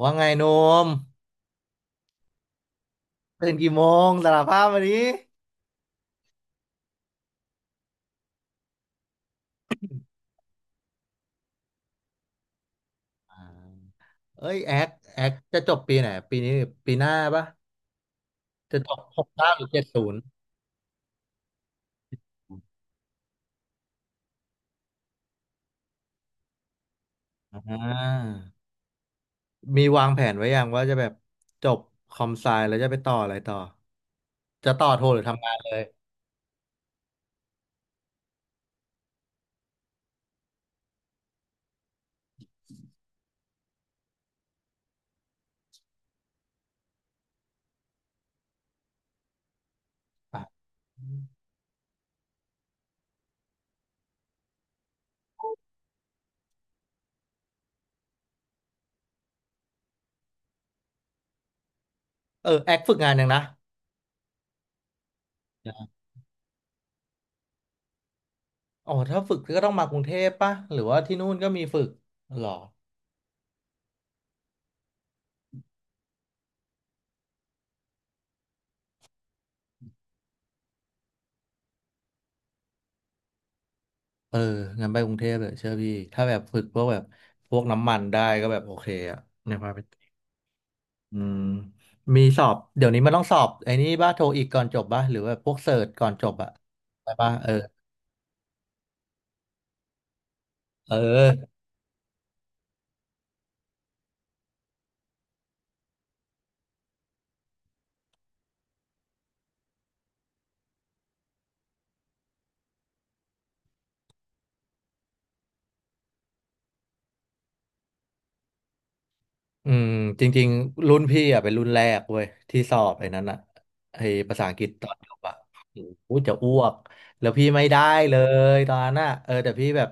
ว่าไงโนมตื่นกี่โมงสารภาพมาดิอ่าเอ้ยแอคจะจบปีไหนปีนี้ปีหน้าปะจะจบหกเก้าหรือเจ็ดศูนย์อ่ามีวางแผนไว้ยังว่าจะแบบจบคอมไซแล้วจะไปต่ออะไรต่อจะต่อโทหรือทำงานเลยอ่ะเออแอคฝึกงานยังนะอ๋อถ้าฝึกก็ต้องมากรุงเทพปะหรือว่าที่นู่นก็มีฝึกหรอเอองั้นไปกรุงเทพเลยเชื่อพี่ถ้าแบบฝึกพวกแบบพวกน้ำมันได้ก็แบบโอเคอะเนี่ยพาไป อืมมีสอบเดี๋ยวนี้มันต้องสอบไอ้นี่บ้าโทอีกก่อนจบบ้าหรือว่าพวกเสิร์ชก่อนจบอะไปบ้าเออเออ อืมจริงๆรุ่นพี่อ่ะเป็นรุ่นแรกเว้ยที่สอบไอ้นั้นอ่ะไอ้ภาษาอังกฤษตอนจบอ่ะโอ้โหจะอ้วกแล้วพี่ไม่ได้เลยตอนนั้นอ่ะเออแต่พี่แบบ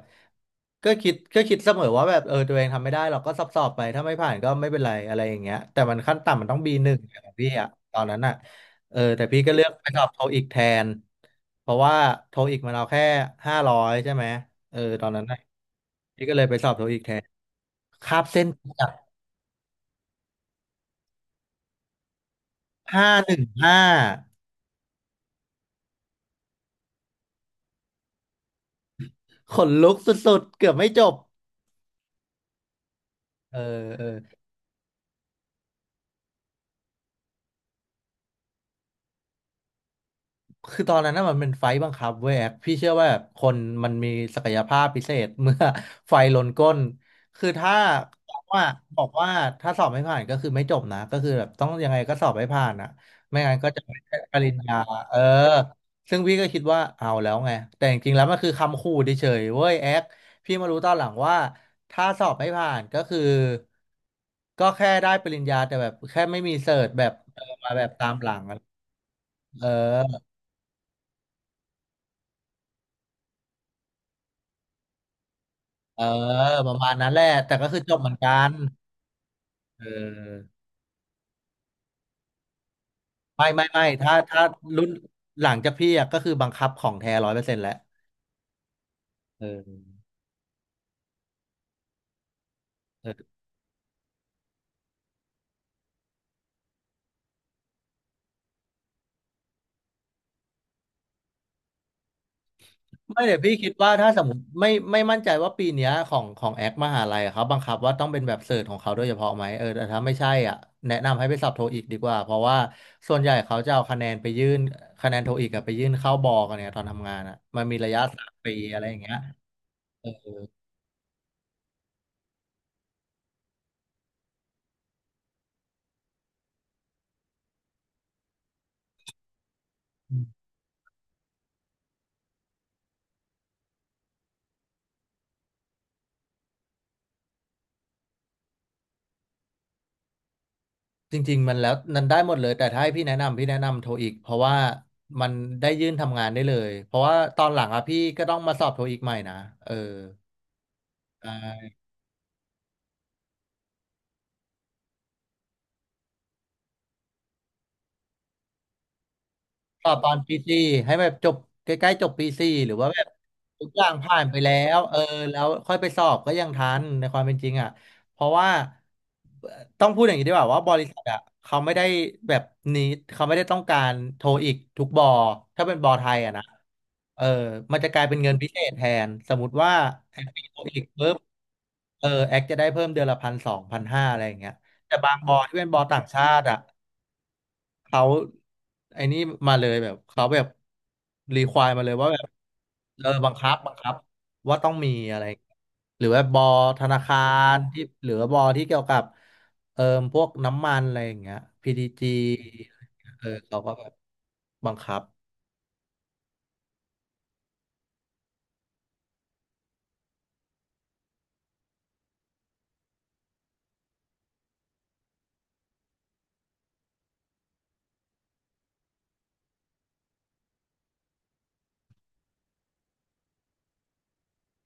ก็คิดเสมอว่าแบบเออตัวเองทำไม่ได้เราก็สอบไปถ้าไม่ผ่านก็ไม่เป็นไรอะไรอย่างเงี้ยแต่มันขั้นต่ำมันต้อง B1 ของพี่อ่ะตอนนั้นอ่ะเออแต่พี่ก็เลือกไปสอบโทอีกแทนเพราะว่าโทอีกมันเอาแค่500ใช่ไหมเออตอนนั้นน่ะพี่ก็เลยไปสอบโทอีกแทนคาบเส้น 515ขนลุกสุดๆเกือบไม่จบเออเออ คือตอนนั้นน่ะมันเป็นไฟต์บังคับเว้ยแอ๊กพี่เชื่อว่าแบบคนมันมีศักยภาพพิเศษ เมื่อ ไฟลนก้นคือถ้าบอกว่าบอกว่าถ้าสอบไม่ผ่านก็คือไม่จบนะก็คือแบบต้องยังไงก็สอบให้ผ่านอ่ะไม่งั้นก็จะไม่ได้ปริญญาเออซึ่งพี่ก็คิดว่าเอาแล้วไงแต่จริงๆแล้วมันคือคำขู่เฉยๆเว้ยแอ๊กพี่มารู้ตอนหลังว่าถ้าสอบไม่ผ่านก็คือก็แค่ได้ปริญญาแต่แบบแค่ไม่มีเสิร์ตแบบเออมาแบบตามหลังอะเออ เออประมาณนั้นแหละแต่ก็คือจบเหมือนกันเออไม่ไม่ไม่ถ้ารุ่นหลังจากพี่อะก็คือบังคับของแท้100%แหละเออเออไม่เดี๋ยวพี่คิดว่าถ้าสมมติไม่มั่นใจว่าปีเนี้ยของแอคมหาลัยอะเขาบังคับว่าต้องเป็นแบบเสิร์ชของเขาโดยเฉพาะไหมเออแต่ถ้าไม่ใช่อ่ะแนะนำให้ไปสอบโทอีกดีกว่าเพราะว่าส่วนใหญ่เขาจะเอาคะแนนไปยื่นคะแนนโทอีกอะไปยื่นเข้าบอกันเนี่ยตอนทำงานอ่ะมันมีระยะ3 ปีอะไรอย่างเงี้ยเออ จริงๆมันแล้วมันได้หมดเลยแต่ถ้าให้พี่แนะนำพี่แนะนำโทอีกเพราะว่ามันได้ยื่นทำงานได้เลยเพราะว่าตอนหลังอะพี่ก็ต้องมาสอบโทอีกใหม่นะเออ ก็ตอนปีสี่ให้แบบจบใกล้ๆจบปีสี่หรือว่าแบบทุกอย่างผ่านไปแล้วเออแล้วค่อยไปสอบก็ยังทันในความเป็นจริงอ่ะเพราะว่าเอ่อต้องพูดอย่างนี้ดีกว่าว่าบริษัทอ่ะเขาไม่ได้แบบนี้เขาไม่ได้ต้องการโทรอีกทุกบอถ้าเป็นบอไทยอ่ะนะเออมันจะกลายเป็นเงินพิเศษแทนสมมติว่าแอคโทรอีกปุ๊บเออแอคจะได้เพิ่มเดือนละพันสองพันห้าอะไรอย่างเงี้ยแต่บางบอที่เป็นบอต่างชาติอ่ะ เขาไอ้นี่มาเลยแบบเขาแบบรีควายมาเลยว่าแบบเออบังคับบังคับว่าต้องมีอะไรหรือว่าบอธนาคารที่หรือว่าบอที่เกี่ยวกับเอ่อพวกน้ำมันอะไรอย่างเงี้ย PTG เออเขาก็แบบบังคับ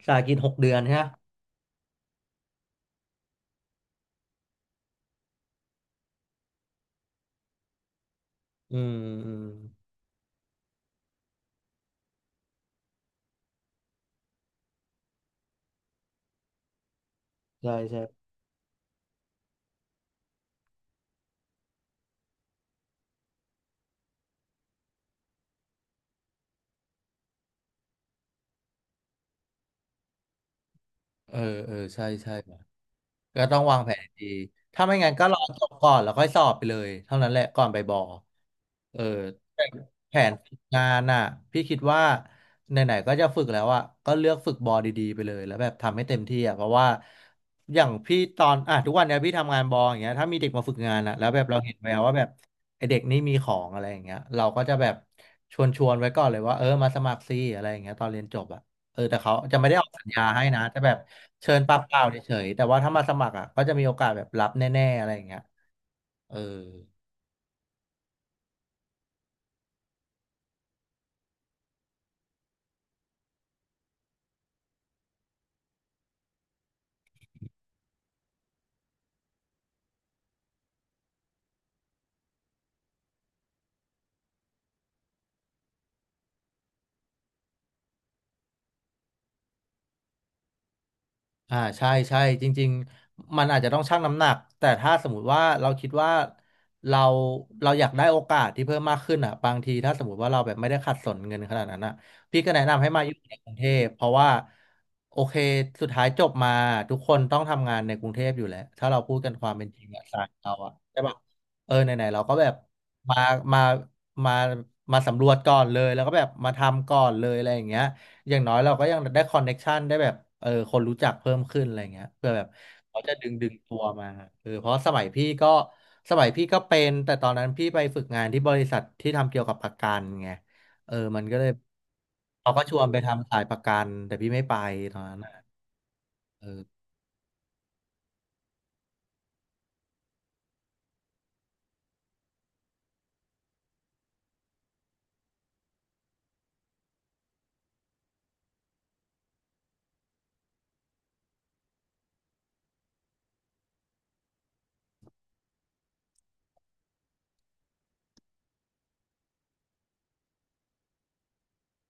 สากิน6 เดือนใช่ไหมอืมอืมใช่ใช่ เออเออ ใช่ใช่ก็ต้องวางแผนดีถ้าไม่งั้นก็รอจบก่อนแล้วค่อยสอบไปเลยเท่านั้นแหละก่อนไปบอเออแต่แผนฝึกงานน่ะพี่คิดว่าไหนๆก็จะฝึกแล้วอ่ะก็เลือกฝึกบอดีๆไปเลยแล้วแบบทำให้เต็มที่อ่ะเพราะว่าอย่างพี่ตอนอ่ะทุกวันเนี้ยพี่ทำงานบออย่างเงี้ยถ้ามีเด็กมาฝึกงานอ่ะแล้วแบบเราเห็นแววว่าแบบไอเด็กนี่มีของอะไรอย่างเงี้ยเราก็จะแบบชวนไว้ก่อนเลยว่าเออมาสมัครซิอะไรอย่างเงี้ยตอนเรียนจบอ่ะ เออแต่เขาจะไม่ได้ออกสัญญาให้นะแต่แบบเชิญปากเปล่าเฉยๆแต่ว่าถ้ามาสมัครอ่ะก็จะมีโอกาสแบบรับแน่ๆอะไรอย่างเงี้ยเออ อ่าใช่ใช่จริงๆมันอาจจะต้องชั่งน้ำหนักแต่ถ้าสมมติว่าเราคิดว่าเราเราอยากได้โอกาสที่เพิ่มมากขึ้นอ่ะบางทีถ้าสมมติว่าเราแบบไม่ได้ขัดสนเงินขนาดนั้นอ่ะพี่ก็แนะนำให้มาอยู่ในกรุงเทพเพราะว่าโอเคสุดท้ายจบมาทุกคนต้องทำงานในกรุงเทพอยู่แล้วถ้าเราพูดกันความเป็นจริงอ่ะสายเราอ่ะใช่ปะเออไหนๆเราก็แบบมามามามาสำรวจก่อนเลยแล้วก็แบบมาทำก่อนเลยอะไรอย่างเงี้ย อย่างน้อยเราก็ยังได้คอนเน็กชันได้แบบเออคนรู้จักเพิ่มขึ้นอะไรเงี้ยเพื่อแบบเขาจะดึงตัวมาเออเพราะสมัยพี่ก็เป็นแต่ตอนนั้นพี่ไปฝึกงานที่บริษัทที่ทำเกี่ยวกับประกันไงเออมันก็เลยเขาก็ชวนไปทำสายประกันแต่พี่ไม่ไปตอนนั้นน่ะเออ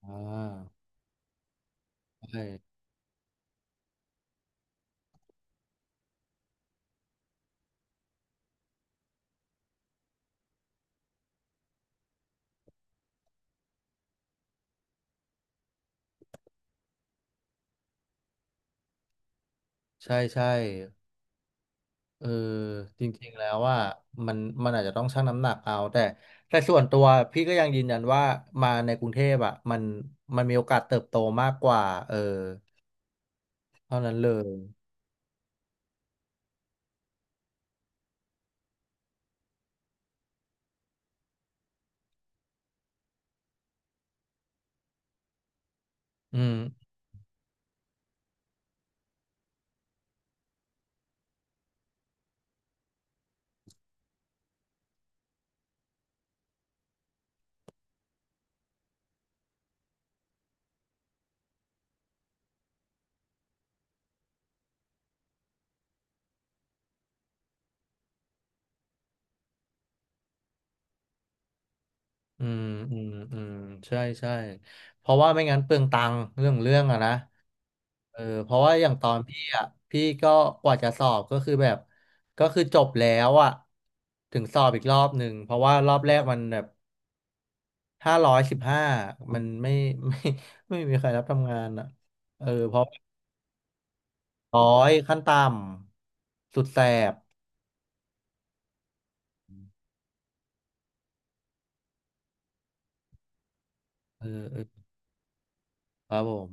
อ่าใช่ใช่ใช่ เออจริงๆแล้วว่ามันอาจจะต้องชั่งน้ำหนักเอาแต่แต่ส่วนตัวพี่ก็ยังยืนยันว่ามาในกรุงเทพอ่ะมันมันมีโอกาสเติบโตมากกว่าเออเท่านั้นเลยอืมอืมอืมอืมใช่ใช่เพราะว่าไม่งั้นเปลืองตังค์เรื่องอะนะเออเพราะว่าอย่างตอนพี่อ่ะพี่ก็กว่าจะสอบก็คือแบบก็คือจบแล้วอ่ะถึงสอบอีกรอบหนึ่งเพราะว่ารอบแรกมันแบบ ถ้า115มันไม่ ไม่ไม่มีใครรับทำงานอ่ะเออเพราะร้อยขั้นต่ำสุดแสบเออเออครับผม